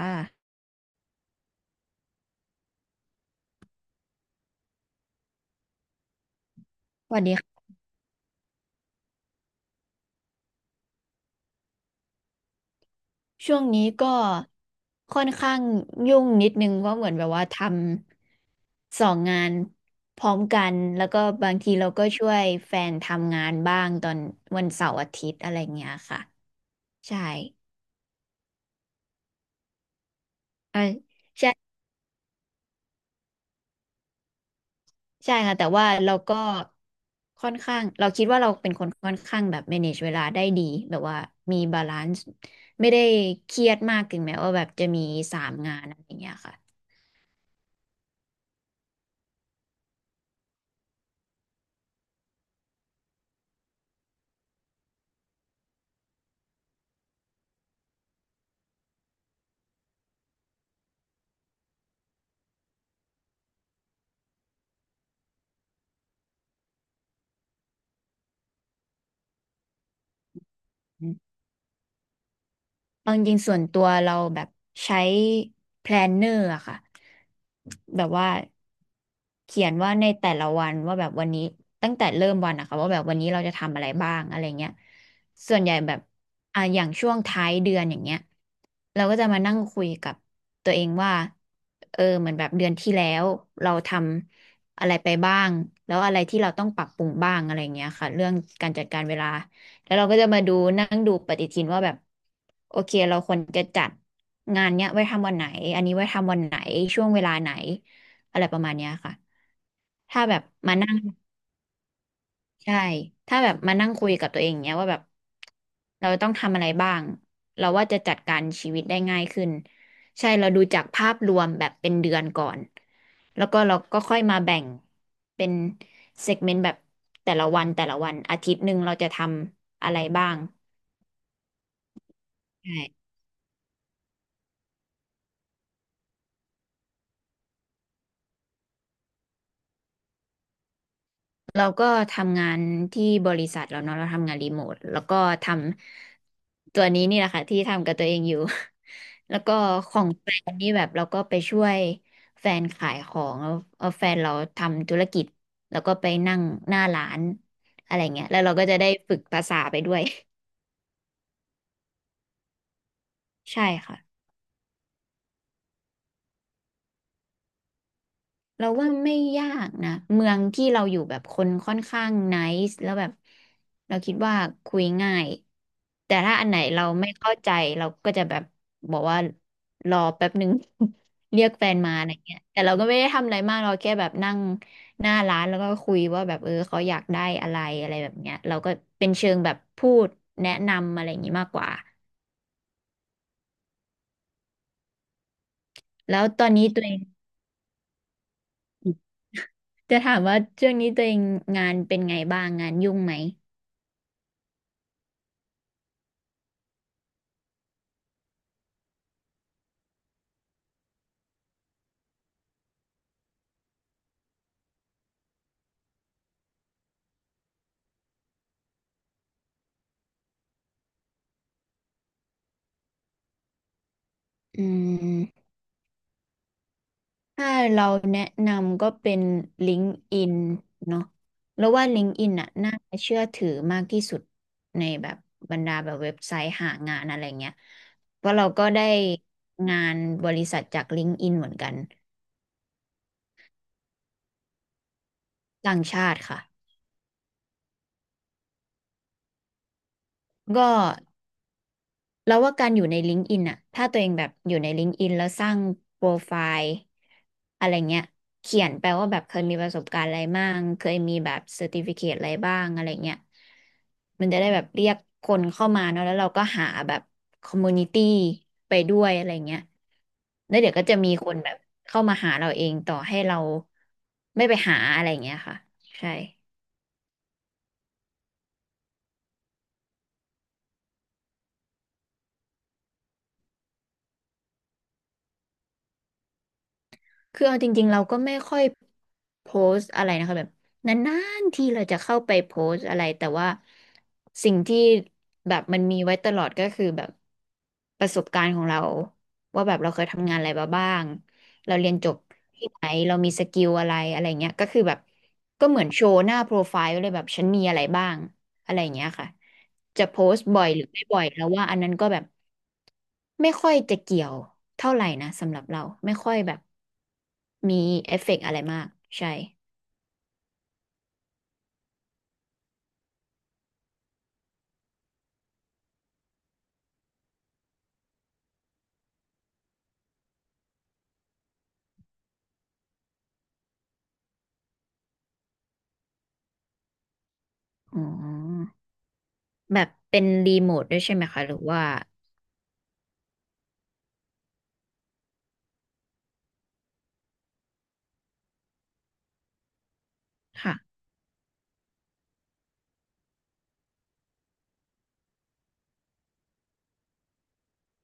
อ่าสวัสดีค่ะช่วงนี้ก็ค่อนข้างยุ่งนิดนึงเพราะเหมือนแบบว่าทำสองงานพร้อมกันแล้วก็บางทีเราก็ช่วยแฟนทำงานบ้างตอนวันเสาร์อาทิตย์อะไรเงี้ยค่ะใช่เออใช่ค่ะแต่ว่าเราก็ค่อนข้างเราคิดว่าเราเป็นคนค่อนข้างแบบ manage เวลาได้ดีแบบว่ามีบาลานซ์ไม่ได้เครียดมากถึงแม้ว่าแบบจะมีสามงานอะไรเงี้ยค่ะ เอาจริงๆส่วนตัวเราแบบใช้ planner อร์อะค่ะแบบว่าเขียนว่าในแต่ละวันว่าแบบวันนี้ตั้งแต่เริ่มวันอะค่ะว่าแบบวันนี้เราจะทำอะไรบ้างอะไรเงี้ยส่วนใหญ่แบบอ่ะอย่างช่วงท้ายเดือนอย่างเงี้ยเราก็จะมานั่งคุยกับตัวเองว่าเออเหมือนแบบเดือนที่แล้วเราทำอะไรไปบ้างแล้วอะไรที่เราต้องปรับปรุงบ้างอะไรเงี้ยค่ะเรื่องการจัดการเวลา แล้วเราก็จะมาดูนั่งดูปฏิทินว่าแบบโอเคเราควรจะจัดงานเนี้ยไว้ทำวันไหนอันนี้ไว้ทำวันไหนช่วงเวลาไหนอะไรประมาณเนี้ยค่ะถ้าแบบมานั่งใช่ถ้าแบบมานั่งคุยกับตัวเองเนี้ยว่าแบบเราต้องทำอะไรบ้างเราว่าจะจัดการชีวิตได้ง่ายขึ้นใช่เราดูจากภาพรวมแบบเป็นเดือนก่อนแล้วก็เราก็ค่อยมาแบ่งเป็นเซกเมนต์แบบแต่ละวันแต่ละวันอาทิตย์หนึ่งเราจะทำอะไรบ้างใช่ เราก็ทำงานที่บริษัทเราเนาะเราทำงานรีโมทแล้วก็ทำตัวนี้นี่แหละค่ะที่ทำกับตัวเองอยู่ แล้วก็ของแฟนนี่แบบเราก็ไปช่วยแฟนขายของแล้วเอาแฟนเราทำธุรกิจแล้วก็ไปนั่งหน้าร้านอะไรเงี้ยแล้วเราก็จะได้ฝึกภาษาไปด้วย ใช่ค่ะ เราว่าไม่ยากนะเมืองที่เราอยู่แบบคนค่อนข้างไนซ์แล้วแบบเราคิดว่าคุยง่ายแต่ถ้าอันไหนเราไม่เข้าใจเราก็จะแบบบอกว่ารอแป๊บหนึ่ง เรียกแฟนมาอะไรเงี้ยแต่เราก็ไม่ได้ทำอะไรมากเราแค่แบบนั่งหน้าร้านแล้วก็คุยว่าแบบเออเขาอยากได้อะไรอะไรแบบเนี้ยเราก็เป็นเชิงแบบพูดแนะนำอะไรอย่างงี้มากกว่าแล้วตอนนี้ตัวเองจะถามว่าช่วงนี้ตัวเองงานเป็นไงบ้างงานยุ่งไหมอืม ถ้าเราแนะนำก็เป็น LinkedIn เนาะแล้วว่า LinkedIn อนน่ะน่าเชื่อถือมากที่สุดในแบบบรรดาแบบเว็บไซต์หางานอะไรเงี้ยเพราะเราก็ได้งานบริษัทจาก LinkedIn เหมือนกันต่างชาติค่ะก็ แล้วว่าการอยู่ใน LinkedIn อนอ่ะถ้าตัวเองแบบอยู่ใน LinkedIn แล้วสร้างโปรไฟล์อะไรเงี้ยเขียนแปลว่าแบบเคยมีประสบการณ์อะไรบ้างเคยมีแบบเซอร์ติฟิเคตอะไรบ้างอะไรเงี้ยมันจะได้แบบเรียกคนเข้ามาเนอะแล้วเราก็หาแบบคอมมูนิตี้ไปด้วยอะไรเงี้ยแล้วเดี๋ยวก็จะมีคนแบบเข้ามาหาเราเองต่อให้เราไม่ไปหาอะไรเงี้ยค่ะใช่ คือเอาจริงๆเราก็ไม่ค่อยโพสต์อะไรนะคะแบบนานๆที่เราจะเข้าไปโพสต์อะไรแต่ว่าสิ่งที่แบบมันมีไว้ตลอดก็คือแบบประสบการณ์ของเราว่าแบบเราเคยทำงานอะไรมาบ้างเราเรียนจบที่ไหนเรามีสกิลอะไรอะไรเงี้ยก็คือแบบก็เหมือนโชว์หน้าโปรไฟล์ไว้เลยแบบฉันมีอะไรบ้าง อะไรอย่างเงี้ยค่ะ จะโพสต์บ่อยหรือไม่บ่อยแล้วว่าอันนั้นก็แบบไม่ค่อยจะเกี่ยวเท่าไหร่นะสำหรับเราไม่ค่อยแบบมีเอฟเฟกต์อะไรมากใช่อ๋อแบบเป็นรีโมทด้วยใช่ไหมคะหรือว่า ค่ะ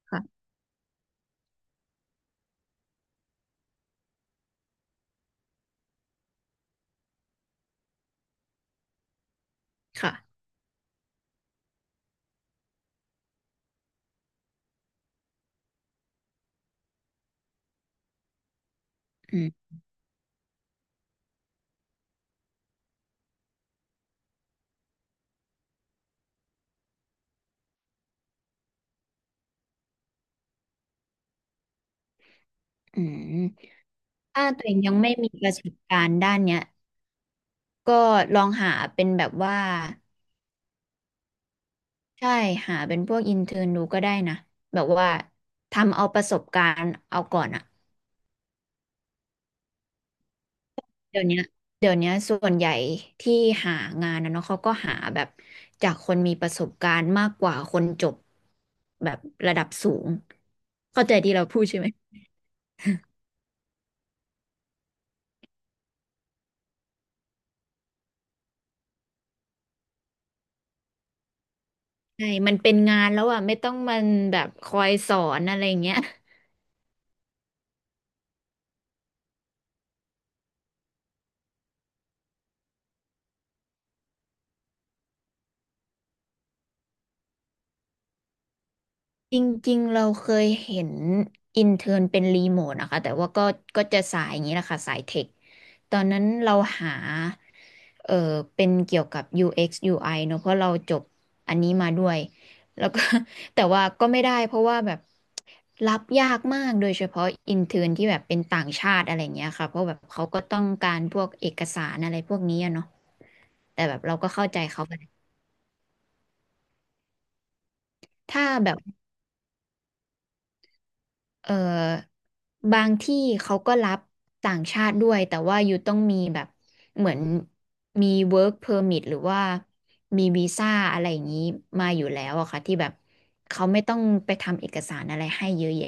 ค่ะ ค่ะอืมอืมถ้าตัวเองยังไม่มีประสบการณ์ด้านเนี้ยก็ลองหาเป็นแบบว่าใช่หาเป็นพวกอินเทอร์นดูก็ได้นะแบบว่าทำเอาประสบการณ์เอาก่อนอะ เดี๋ยวเนี้ยเดี๋ยวเนี้ยส่วนใหญ่ที่หางานนะเนาะเขาก็หาแบบจากคนมีประสบการณ์มากกว่าคนจบแบบระดับสูงเข้าใจที่เราพูดใช่ไหมใช่มันเป็นงานแล้วอ่ะไม่ต้องมันแบบคอยสอนอะไรอย่างเงี้ย จริงๆ เราเคยเห็นอินเทอร์นเป็นรีโมทนะคะแต่ว่าก็ก็จะสายอย่างนี้แหละค่ะสายเทคตอนนั้นเราหาเออเป็นเกี่ยวกับ UX UI เอ็กซ์ยูไอเนอะเพราะเราจบอันนี้มาด้วยแล้วก็ แต่ว่าก็ไม่ได้เพราะว่าแบบรับยากมากโดยเฉพาะอินเทอร์นที่แบบเป็นต่างชาติอะไรเงี้ยค่ะเพราะแบบเขาก็ต้องการพวกเอกสารอะไรพวกนี้อะเนาะแต่แบบเราก็เข้าใจเขาไปถ้าแบบ เอ่อบางที่เขาก็รับต่างชาติด้วยแต่ว่าอยู่ต้องมีแบบเหมือนมี work permit หรือว่ามีวีซ่าอะไรอย่างนี้มาอยู่แล้วอะค่ะที่แบบเขาไม่ต้องไปทำเอกสารอะไรให้เยอะแยะ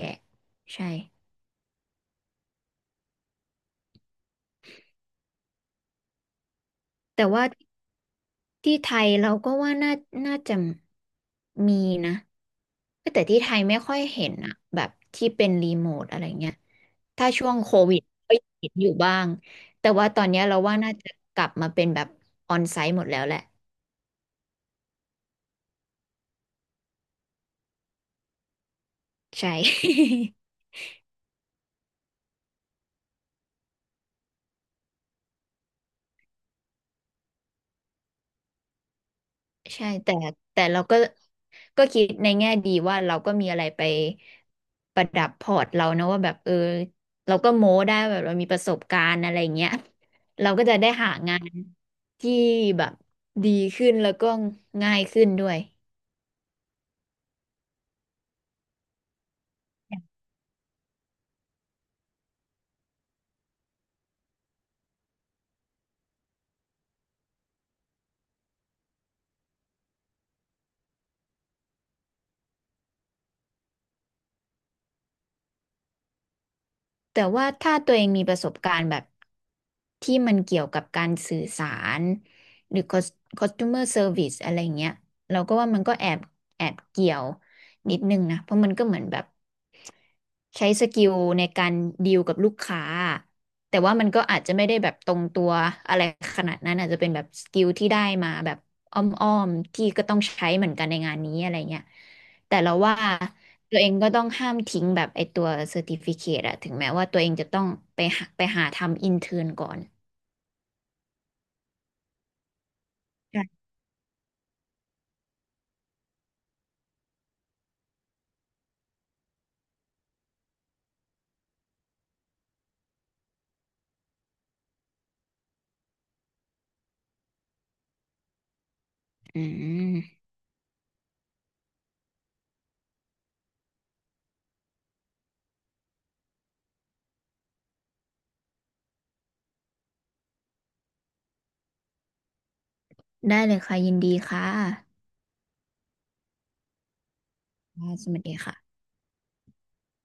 ใช่แต่ว่า ที่ไทยเราก็ว่าน่าน่าจะมีนะแต่ที่ไทยไม่ค่อยเห็นอะแบบที่เป็นรีโมทอะไรเงี้ยถ้าช่วงโควิดก็ยังเห็นอยู่บ้างแต่ว่าตอนเนี้ยเราว่าน่าจะกลับมาเป็นแบบออนไซต์หมดแล้วแหละใช่ ใช่แต่เราก็ก็คิดในแง่ดีว่าเราก็มีอะไรไปประดับพอร์ตเรานะว่าแบบเออเราก็โม้ได้แบบเรามีประสบการณ์อะไรเงี้ยเราก็จะได้หางาน ที่แบบดีขึ้นแล้วก็ง่ายขึ้นด้วย แต่ว่าถ้าตัวเองมีประสบการณ์แบบที่มันเกี่ยวกับการสื่อสารหรือ customer service อะไรเงี้ยเราก็ว่ามันก็แอบเกี่ยวนิดนึงนะเพราะมันก็เหมือนแบบใช้สกิลในการดีลกับลูกค้าแต่ว่ามันก็อาจจะไม่ได้แบบตรงตัวอะไรขนาดนั้นอาจจะเป็นแบบสกิลที่ได้มาแบบอ้อมๆที่ก็ต้องใช้เหมือนกันในงานนี้อะไรเงี้ยแต่เราว่า ตัวเองก็ต้องห้ามทิ้งแบบไอตัวเซอร์ติฟิเคตอะถึงแม้ว่าตัวเองจะต้องไปหาทำอินเทิร์นก่อนค่ะอืมได้เลยค่ะยินดีค่ะค่ะสวัสดีค่ะ